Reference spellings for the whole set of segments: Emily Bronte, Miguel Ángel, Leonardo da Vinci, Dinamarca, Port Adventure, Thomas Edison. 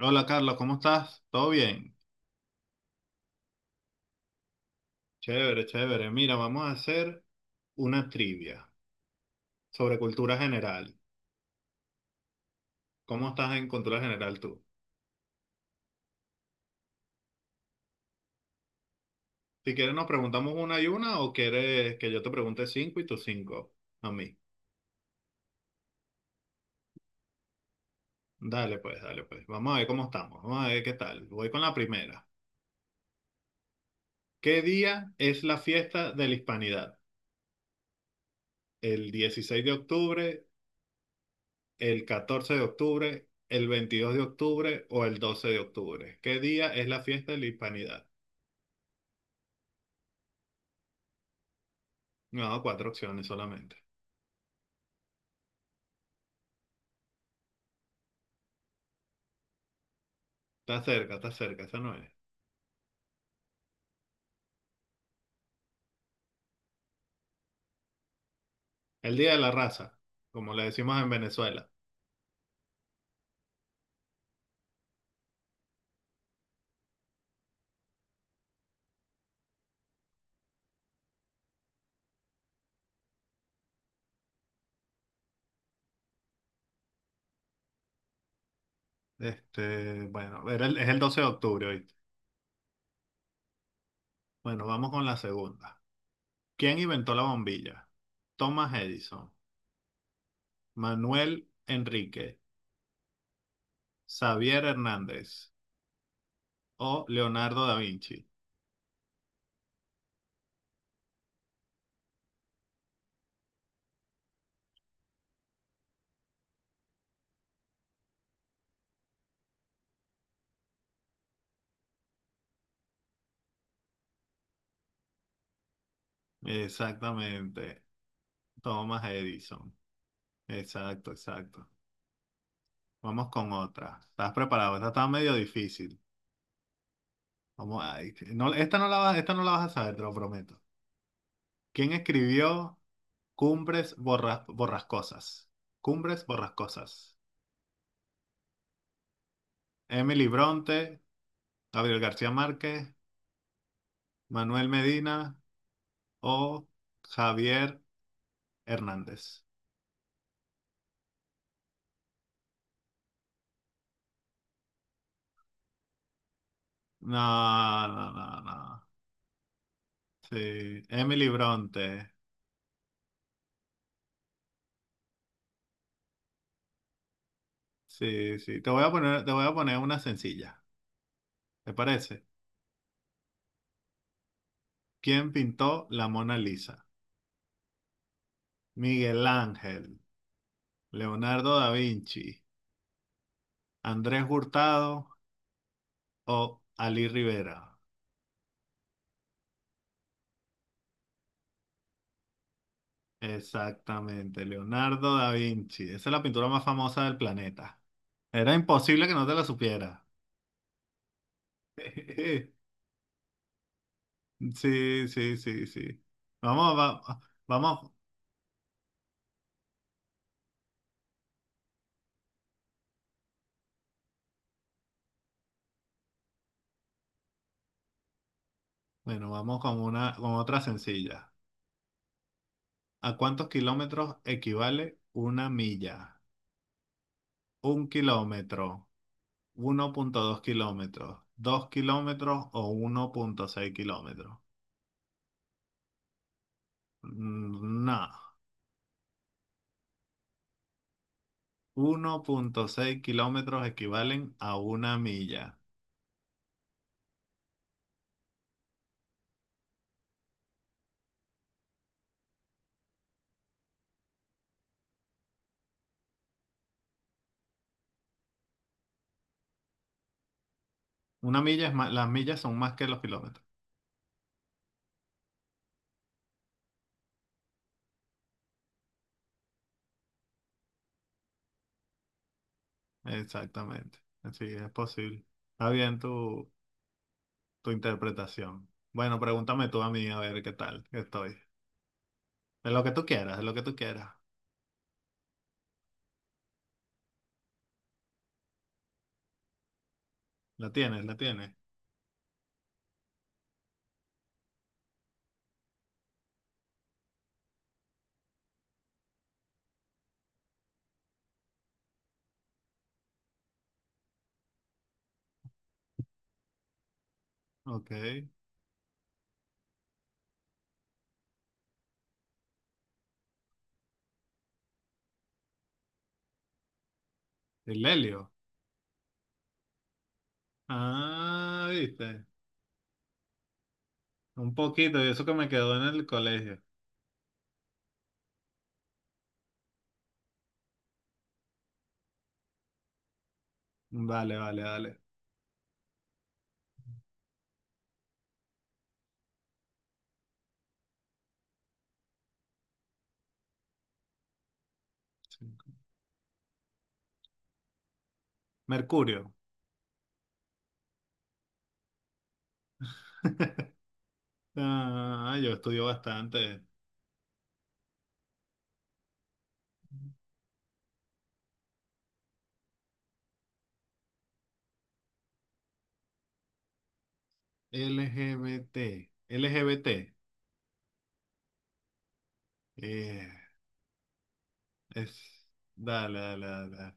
Hola, Carlos, ¿cómo estás? ¿Todo bien? Chévere, chévere. Mira, vamos a hacer una trivia sobre cultura general. ¿Cómo estás en cultura general tú? Si quieres nos preguntamos una y una o quieres que yo te pregunte cinco y tú cinco a mí. Dale pues, dale pues. Vamos a ver cómo estamos. Vamos a ver qué tal. Voy con la primera. ¿Qué día es la fiesta de la Hispanidad? ¿El 16 de octubre, el 14 de octubre, el 22 de octubre o el 12 de octubre? ¿Qué día es la fiesta de la Hispanidad? No, cuatro opciones solamente. Está cerca, esa no es. El Día de la Raza, como le decimos en Venezuela. Este, bueno, es el doce de octubre, ¿oíste? Bueno, vamos con la segunda. ¿Quién inventó la bombilla? Thomas Edison, Manuel Enrique, Xavier Hernández o Leonardo da Vinci. Exactamente, Thomas Edison. Exacto, exacto. Vamos con otra. ¿Estás preparado? Esta está medio difícil. Vamos a, no, esta no la vas a saber, te lo prometo. ¿Quién escribió Borrascosas? Cumbres Borrascosas. Emily Bronte, Gabriel García Márquez, Manuel Medina o Javier Hernández. No, no, no, no. Sí, Emily Bronte. Sí, sí. Te voy a poner, te voy a poner una sencilla. ¿Te parece? ¿Quién pintó la Mona Lisa? Miguel Ángel, Leonardo da Vinci, Andrés Hurtado o Ali Rivera. Exactamente, Leonardo da Vinci. Esa es la pintura más famosa del planeta. Era imposible que no te la supiera. Sí, sí, sí, sí. Vamos, va- vamos, bueno, vamos con una, con otra sencilla. ¿A cuántos kilómetros equivale una milla? Un kilómetro, uno punto 2 kilómetros o uno punto seis kilómetros. Mm, no. Uno punto seis kilómetros equivalen a una milla. Una milla es más, las millas son más que los kilómetros. Exactamente. Así es posible. Está bien tu interpretación. Bueno, pregúntame tú a mí a ver qué tal estoy. De lo que tú quieras, de lo que tú quieras. La tienes, la tienes. Ok. El helio. Ah, viste. Un poquito, y eso que me quedó en el colegio. Vale, vale, vale. Sí. Mercurio. Ah, yo estudio bastante. LGBT. eh, es, dale, dale, dale. Dale.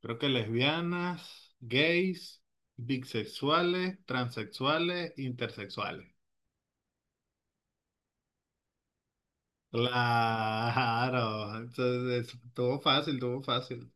Creo que lesbianas, gays, bisexuales, transexuales, intersexuales. Claro. Entonces, todo fácil, todo fácil.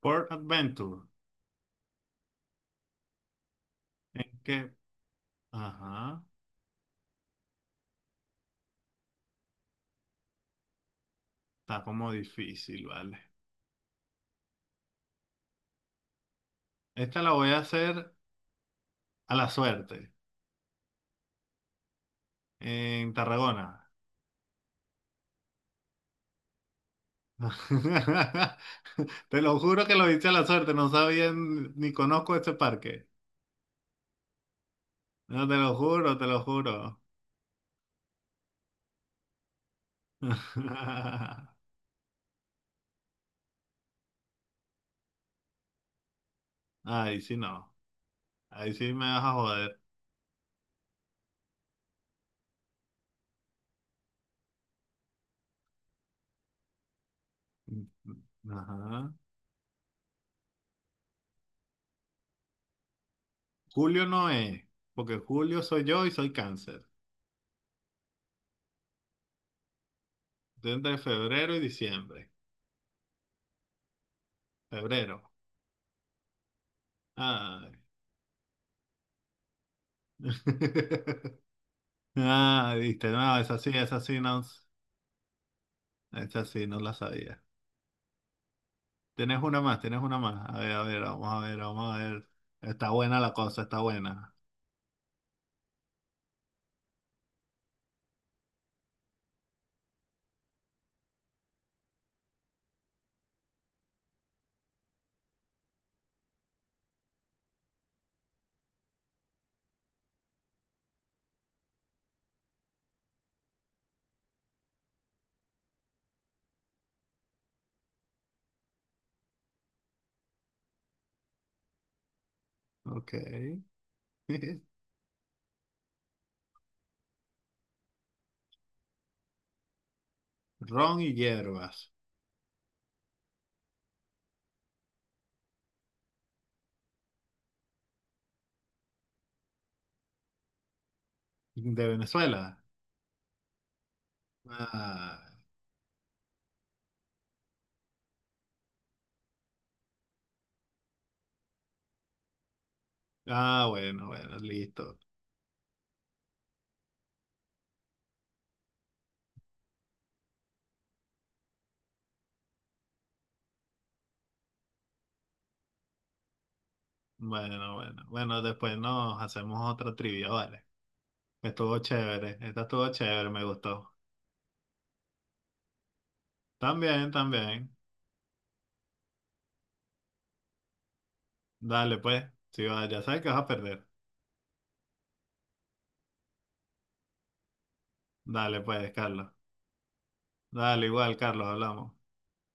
Port Adventure. ¿En qué? Ajá. Está como difícil, vale. Esta la voy a hacer a la suerte. En Tarragona. Te lo juro que lo hice a la suerte, no sabía ni conozco este parque. No, te lo juro, te lo juro. Ahí sí no, ahí sí me vas a joder. Ajá. Julio no es, porque Julio soy yo y soy cáncer. Estoy entre febrero y diciembre. Febrero. Ay. Ah, viste, no, esa sí, esa sí no la sabía. Tienes una más, tienes una más. A ver, vamos a ver, vamos a ver. Está buena la cosa, está buena. Ok. Ron y hierbas. De Venezuela. Ah, ah, bueno, bueno, listo. Bueno, bueno. Bueno, después nos hacemos otra trivia, vale. Estuvo chévere, esta estuvo chévere, me gustó. También, también. Dale, pues. Si va, ya sabes que vas a perder. Dale, pues, Carlos. Dale, igual, Carlos, hablamos.